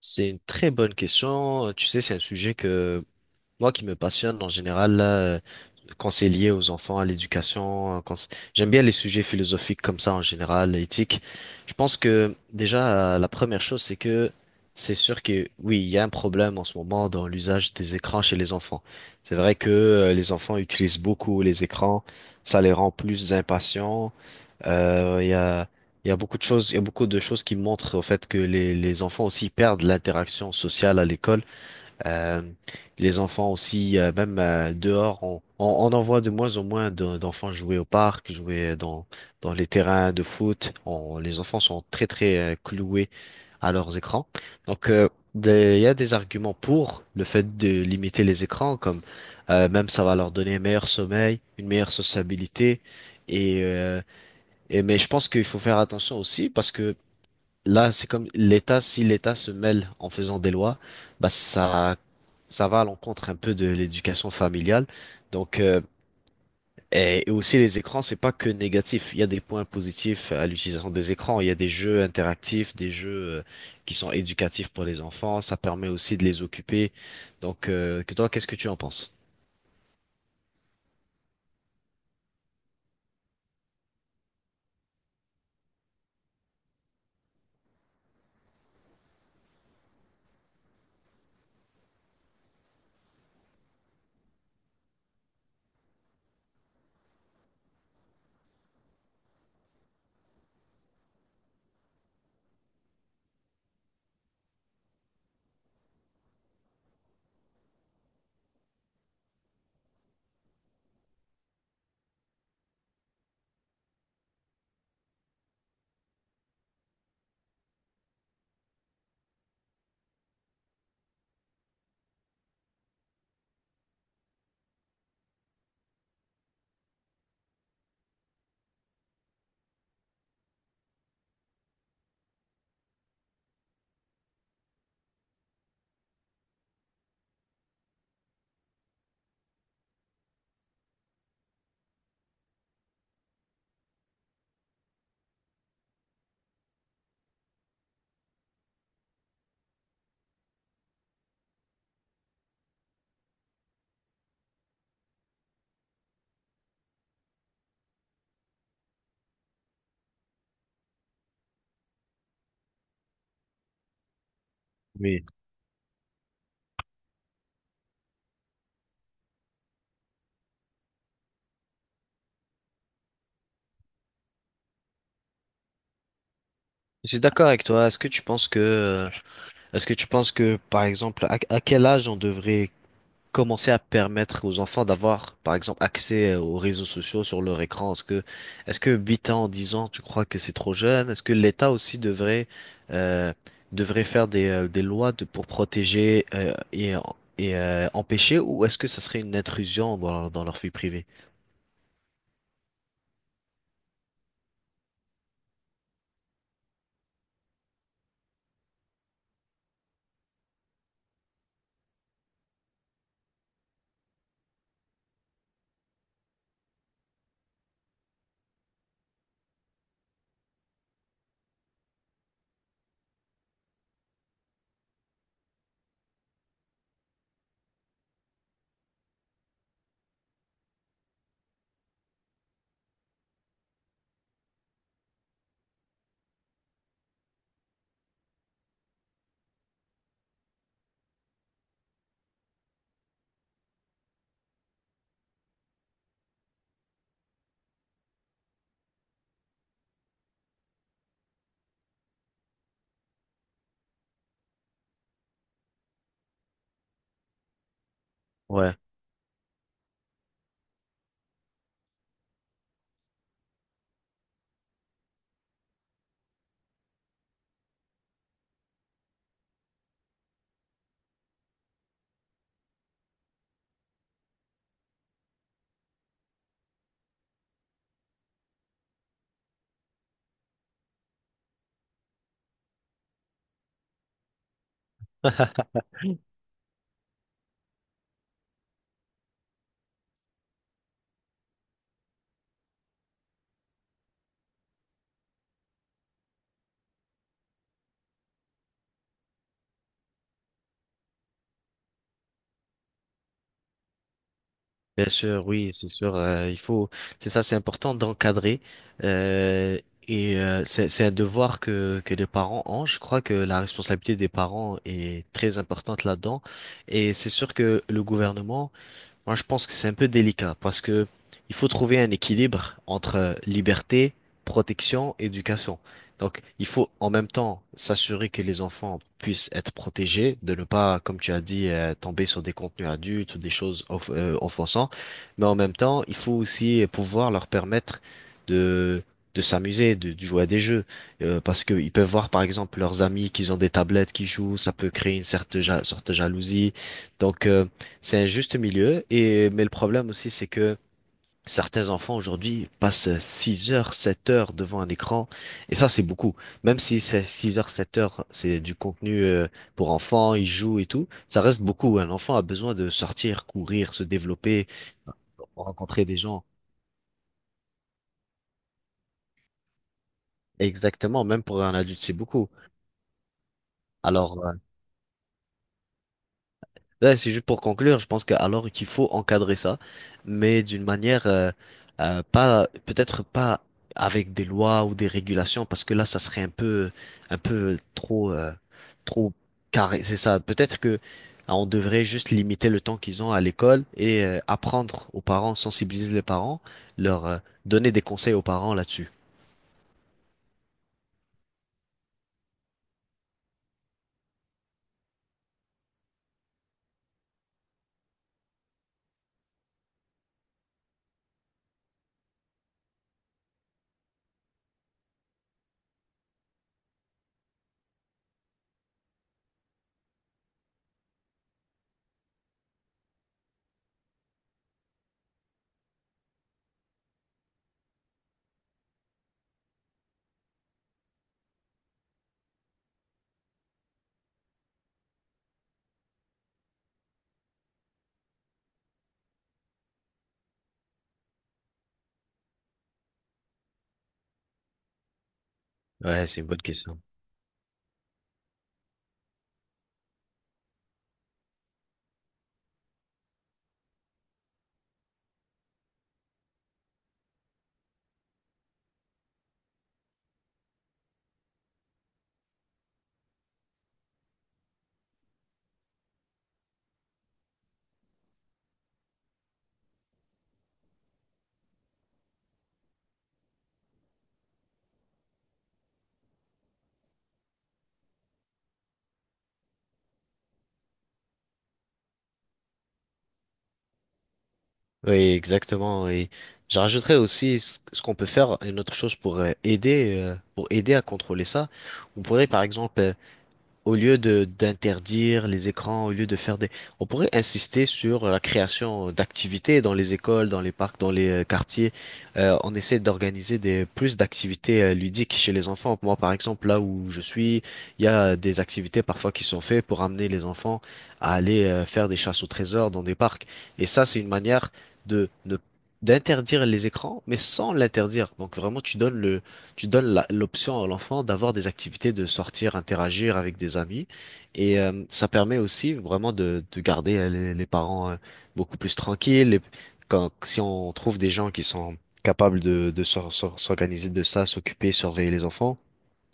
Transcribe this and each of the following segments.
C'est une très bonne question. Tu sais, c'est un sujet que moi qui me passionne en général, là, quand c'est lié aux enfants, à l'éducation, j'aime bien les sujets philosophiques comme ça en général, éthique. Je pense que déjà, la première chose, c'est que c'est sûr que oui, il y a un problème en ce moment dans l'usage des écrans chez les enfants. C'est vrai que les enfants utilisent beaucoup les écrans, ça les rend plus impatients. Euh, Il y a, il y a beaucoup de choses, qui montrent au fait que les enfants aussi perdent l'interaction sociale à l'école. Euh, les enfants aussi, même dehors, on en voit de moins en moins d'enfants jouer au parc, dans les terrains de foot. Les enfants sont très très cloués à leurs écrans. Donc, euh, il y a des arguments pour le fait de limiter les écrans, comme même ça va leur donner un meilleur sommeil, une meilleure sociabilité. Et euh, et mais je pense qu'il faut faire attention aussi parce que là, c'est comme l'État, si l'État se mêle en faisant des lois, bah ça va à l'encontre un peu de l'éducation familiale. Donc, et aussi les écrans, c'est pas que négatif. Il y a des points positifs à l'utilisation des écrans. Il y a des jeux interactifs, des jeux qui sont éducatifs pour les enfants. Ça permet aussi de les occuper. Donc, que toi, qu'est-ce que tu en penses? Oui, je suis d'accord avec toi. Est-ce que tu penses que, est-ce que tu penses que, par exemple, à quel âge on devrait commencer à permettre aux enfants d'avoir, par exemple, accès aux réseaux sociaux sur leur écran? Est-ce que 8 ans, 10 ans, tu crois que c'est trop jeune? Est-ce que l'État aussi devrait, euh, devrait faire des lois pour protéger, et empêcher, ou est-ce que ça serait une intrusion dans, dans leur vie privée? Ouais. Bien sûr, oui, c'est sûr. Il faut, c'est ça, c'est important d'encadrer. euh, c'est un devoir que les parents ont. Je crois que la responsabilité des parents est très importante là-dedans. Et c'est sûr que le gouvernement moi, je pense que c'est un peu délicat parce que il faut trouver un équilibre entre liberté, protection, éducation. Donc, il faut en même temps s'assurer que les enfants puissent être protégés, de ne pas, comme tu as dit, tomber sur des contenus adultes ou des choses offensantes. Mais en même temps, il faut aussi pouvoir leur permettre de de s'amuser, de jouer à des jeux, parce qu'ils peuvent voir, par exemple, leurs amis qui ont des tablettes qui jouent, ça peut créer une certaine sorte de jalousie. Donc, c'est un juste milieu et mais le problème aussi c'est que certains enfants aujourd'hui passent 6 heures, 7 heures devant un écran et ça c'est beaucoup. Même si c'est 6 heures, 7 heures, c'est du contenu pour enfants, ils jouent et tout, ça reste beaucoup. Un enfant a besoin de sortir, courir, se développer, rencontrer des gens. Exactement, même pour un adulte c'est beaucoup. Alors euh, Ouais, c'est juste pour conclure, je pense que alors qu'il faut encadrer ça, mais d'une manière pas peut-être pas avec des lois ou des régulations parce que là ça serait un peu trop trop carré, c'est ça. Peut-être que on devrait juste limiter le temps qu'ils ont à l'école et apprendre aux parents, sensibiliser les parents, leur donner des conseils aux parents là-dessus. Ouais, c'est une bonne question. Oui, exactement. Et je rajouterais aussi ce qu'on peut faire, une autre chose pour aider, pour aider à contrôler ça. On pourrait, par exemple, au lieu de d'interdire les écrans, au lieu de faire des... On pourrait insister sur la création d'activités dans les écoles, dans les parcs, dans les quartiers. On essaie d'organiser des plus d'activités ludiques chez les enfants. Moi, par exemple, là où je suis, il y a des activités parfois qui sont faites pour amener les enfants à aller faire des chasses au trésor dans des parcs. Et ça, c'est une manière de ne d'interdire les écrans, mais sans l'interdire. Donc vraiment, tu donnes l'option à l'enfant d'avoir des activités, de sortir, interagir avec des amis. Et ça permet aussi vraiment de garder les parents beaucoup plus tranquilles. Et si on trouve des gens qui sont capables de s'organiser de ça, s'occuper, surveiller les enfants,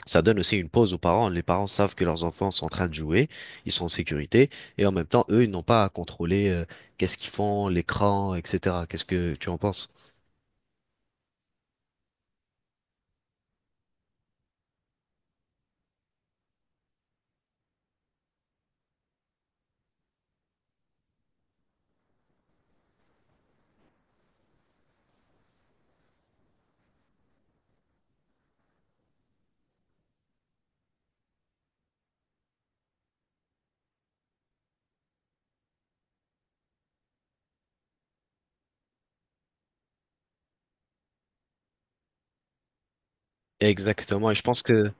ça donne aussi une pause aux parents. Les parents savent que leurs enfants sont en train de jouer, ils sont en sécurité. Et en même temps, eux, ils n'ont pas à contrôler qu'est-ce qu'ils font, l'écran, etc. Qu'est-ce que tu en penses? Exactement. Et je pense que...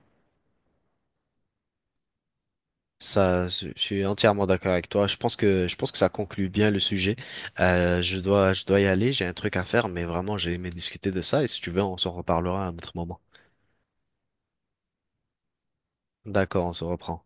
Ça, je suis entièrement d'accord avec toi. Je pense que ça conclut bien le sujet. Je dois y aller. J'ai un truc à faire, mais vraiment j'ai aimé discuter de ça. Et si tu veux, on s'en reparlera à un autre moment. D'accord, on se reprend.